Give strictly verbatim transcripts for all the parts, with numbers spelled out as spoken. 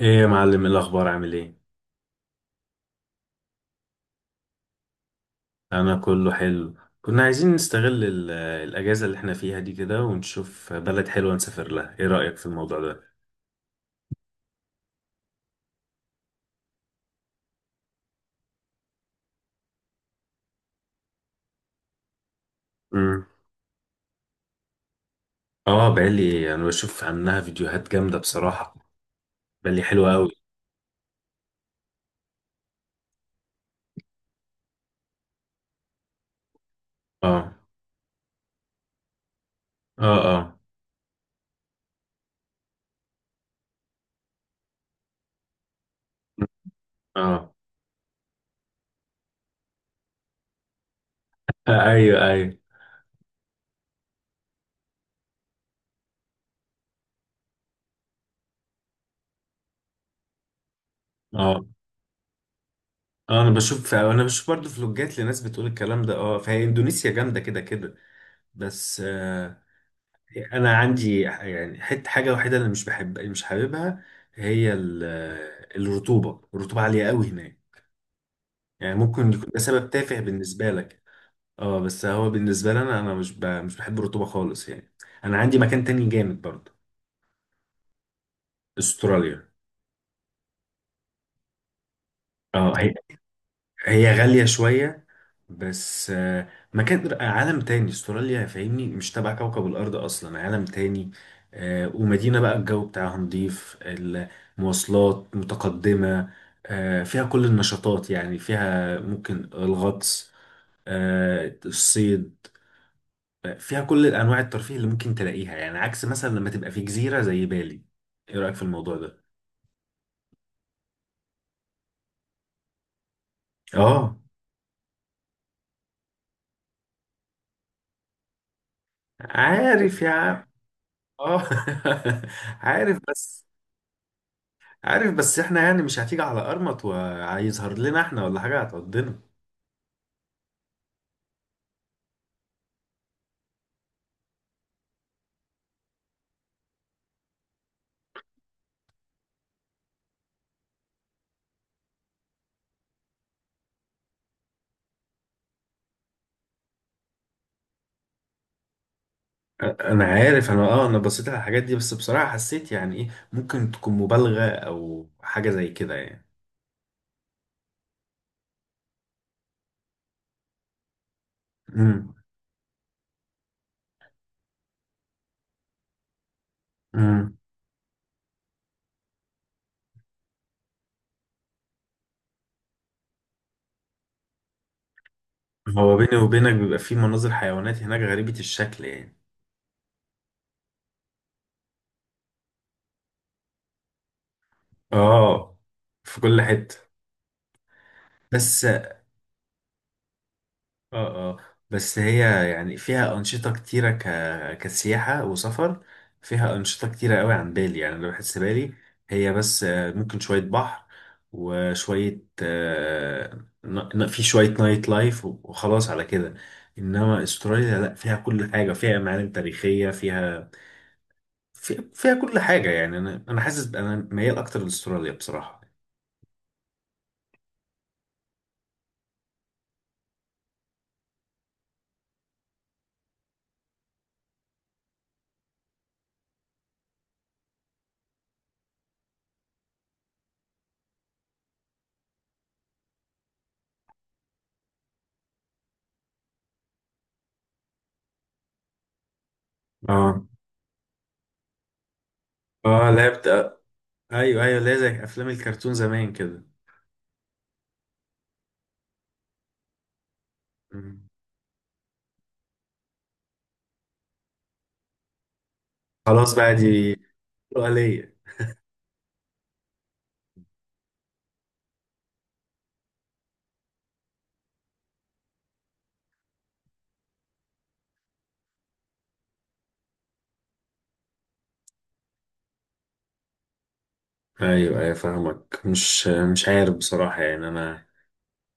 ايه يا معلم، إيه الاخبار؟ عامل ايه؟ انا كله حلو. كنا عايزين نستغل ال- الاجازه اللي احنا فيها دي كده ونشوف بلد حلوه نسافر لها. ايه رايك في الموضوع ده؟ امم. اه، بالي انا بشوف عنها فيديوهات جامده بصراحه. بالي حلوه قوي. اه اه. اه اه. آه، ايوه ايوه. اه اه، انا بشوف انا بشوف برضه فلوجات لناس بتقول الكلام ده. اه، فهي اندونيسيا جامده كده كده. بس، آه، انا عندي يعني حته حاجه وحيده اللي مش بحب، اللي مش حاببها. هي ال- الرطوبه الرطوبه عاليه قوي هناك. يعني ممكن يكون ده سبب تافه بالنسبه لك. اه، بس هو بالنسبه لي انا انا مش ب... مش بحب الرطوبه خالص يعني. انا عندي مكان تاني جامد برضه. استراليا. اه، هي هي غاليه شويه. بس، آه، مكان عالم تاني استراليا، فاهمني؟ مش تبع كوكب الارض اصلا، عالم تاني. آه، ومدينه بقى الجو بتاعها نضيف، المواصلات متقدمه. آه، فيها كل النشاطات، يعني فيها ممكن الغطس، آه، الصيد. آه، فيها كل انواع الترفيه اللي ممكن تلاقيها، يعني عكس مثلا لما تبقى في جزيره زي بالي. ايه رايك في الموضوع ده؟ اه. عارف يا عم. اه، عارف بس. عارف، بس احنا يعني مش هتيجي على قرمط وهيظهر لنا احنا ولا حاجة هتقضينا. انا عارف. انا، اه، انا بصيت على الحاجات دي، بس بصراحة حسيت يعني ايه، ممكن تكون مبالغة او حاجة زي كده يعني. امم. امم. هو بيني وبينك بيبقى في مناظر حيوانات هناك غريبة الشكل يعني. اه، في كل حتة. بس. اه اه. بس هي يعني فيها أنشطة كتيرة ك... كسياحة وسفر. فيها أنشطة كتيرة قوي عن بالي، يعني أنا بحس بالي هي بس، آه، ممكن شوية بحر، وشوية، آه، ن- ن- في شوية نايت لايف، و- وخلاص على كده. إنما أستراليا لأ، فيها كل حاجة، فيها معالم تاريخية، فيها، فيها, فيها كل حاجة. يعني أنا أنا حاسس أنا ميال أكتر لأستراليا بصراحة. اه اه، لعبت، آه، ايوه ايوه، اللي هي زي افلام الكرتون زمان كده. خلاص بقى، دي حلوة ليا. ايوه ايوه، فاهمك. مش مش عارف بصراحه، يعني انا،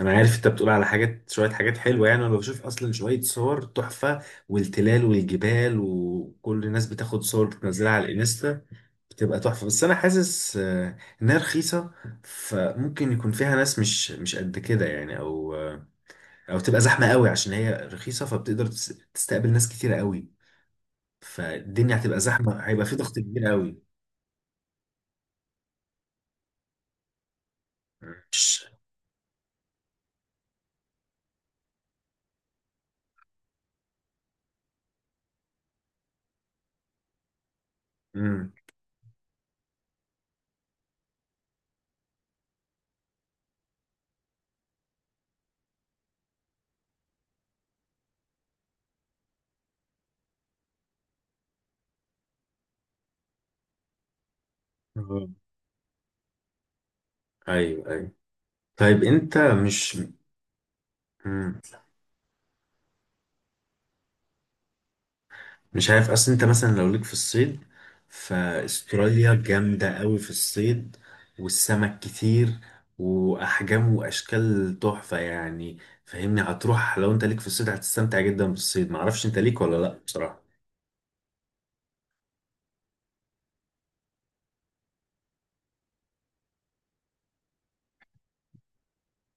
انا عارف انت بتقول على حاجات، شويه حاجات حلوه. يعني انا بشوف اصلا شويه صور تحفه، والتلال والجبال، وكل الناس بتاخد صور بتنزلها على الانستا، بتبقى تحفه. بس انا حاسس، آه، انها رخيصه، فممكن يكون فيها ناس مش مش قد كده يعني، او، آه، او تبقى زحمه قوي عشان هي رخيصه، فبتقدر تس- تستقبل ناس كتيره قوي. فالدنيا هتبقى زحمه، هيبقى في ضغط كبير قوي. مش آه. ايوه ايوه. طيب انت مش. مم. مش عارف، اصل انت مثلا لو ليك في الصيد، فاستراليا جامدة قوي في الصيد، والسمك كتير، واحجام واشكال تحفة يعني. فاهمني؟ هتروح لو انت ليك في الصيد هتستمتع جدا بالصيد. معرفش انت ليك ولا لا بصراحة.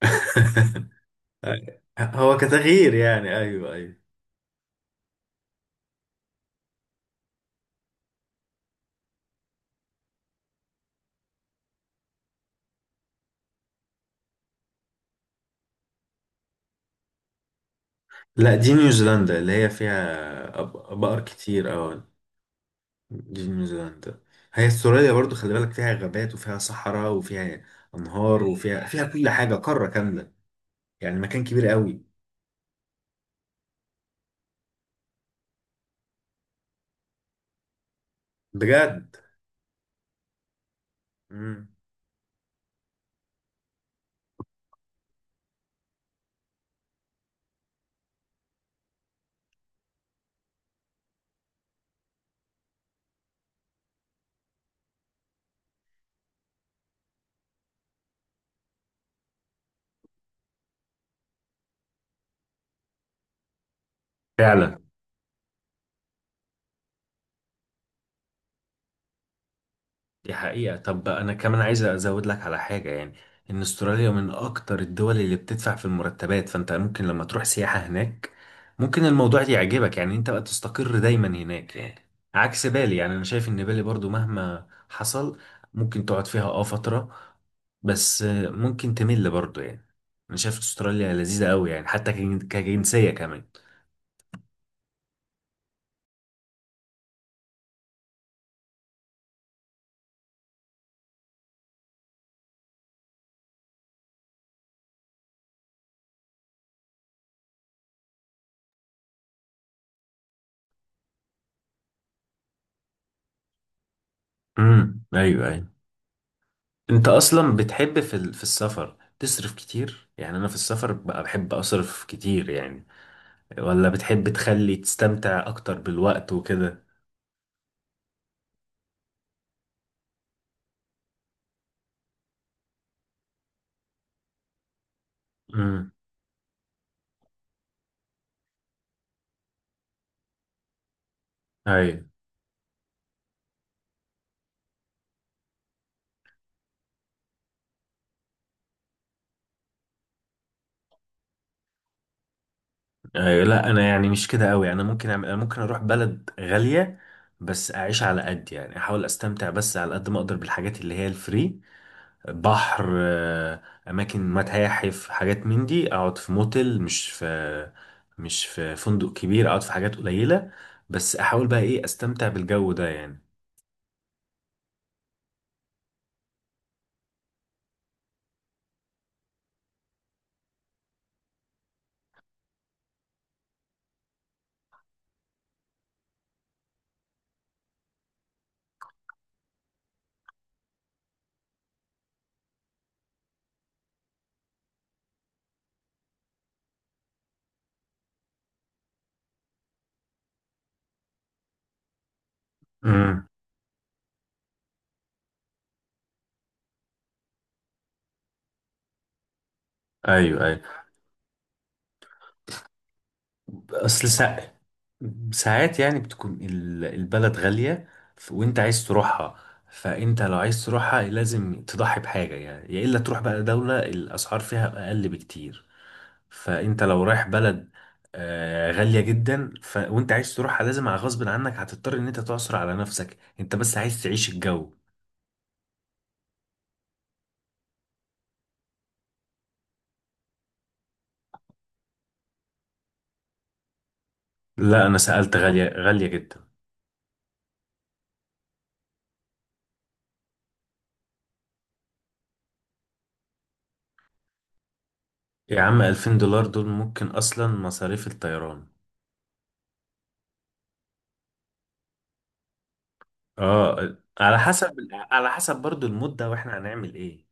هو كتغيير يعني، ايوه ايوه. لا، دي نيوزيلندا اللي هي فيها أب- بقر كتير. اه، دي نيوزيلندا. هي استراليا برضو خلي بالك فيها غابات، وفيها صحراء، وفيها انهار، وفيها، فيها كل حاجه، قاره كامله يعني. مكان كبير قوي. بجد. مم. فعلا. دي حقيقة. طب أنا كمان عايز أزود لك على حاجة، يعني إن أستراليا من أكتر الدول اللي بتدفع في المرتبات. فأنت ممكن لما تروح سياحة هناك ممكن الموضوع ده يعجبك، يعني أنت بقى تستقر دايما هناك يعني. عكس بالي، يعني أنا شايف إن بالي برضو مهما حصل ممكن تقعد فيها أه فترة، بس ممكن تمل برضو يعني. أنا شايف أستراليا لذيذة أوي يعني، حتى كجن- كجنسية كمان. امم، أيوه أيوه. انت اصلا بتحب في ال- في السفر تصرف كتير؟ يعني انا في السفر بقى بحب اصرف كتير يعني. ولا بتحب تخلي تستمتع اكتر بالوقت وكده؟ امم. ايوه ايوه. لا انا يعني مش كده قوي. انا ممكن اعمل انا ممكن اروح بلد غالية بس اعيش على قد، يعني احاول استمتع بس على قد ما اقدر بالحاجات اللي هي الفري. بحر، آه، اماكن، متاحف، حاجات من دي، اقعد في موتيل، مش في مش في فندق كبير. اقعد في حاجات قليله، بس احاول بقى ايه استمتع بالجو ده يعني. امم، ايوه ايوه. اصل سا... ساعات يعني بتكون ال- البلد غاليه، ف- وانت عايز تروحها. فانت لو عايز تروحها لازم تضحي بحاجه، يعني يا الا تروح بقى دوله الاسعار فيها اقل بكتير. فانت لو رايح بلد آه، غالية جدا، ف... وانت عايز تروحها، لازم على غصب عنك هتضطر ان انت تعصر على نفسك، انت بس عايز تعيش الجو. لا انا سألت، غالية غالية جدا. يا عم، ألفين دولار دول ممكن اصلا مصاريف الطيران. اه، على حسب. على حسب برضو المدة واحنا هنعمل ايه.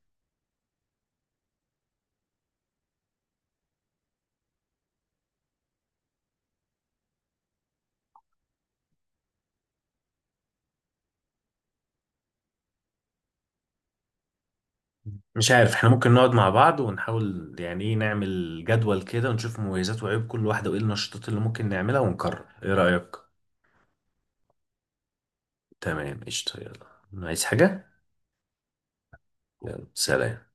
مش عارف، احنا ممكن نقعد مع بعض ونحاول يعني ايه نعمل جدول كده ونشوف مميزات وعيوب كل واحدة وايه النشاطات اللي ممكن نعملها ونقرر. ايه رأيك؟ تمام، قشطة. يلا، عايز حاجة؟ يلا سلام.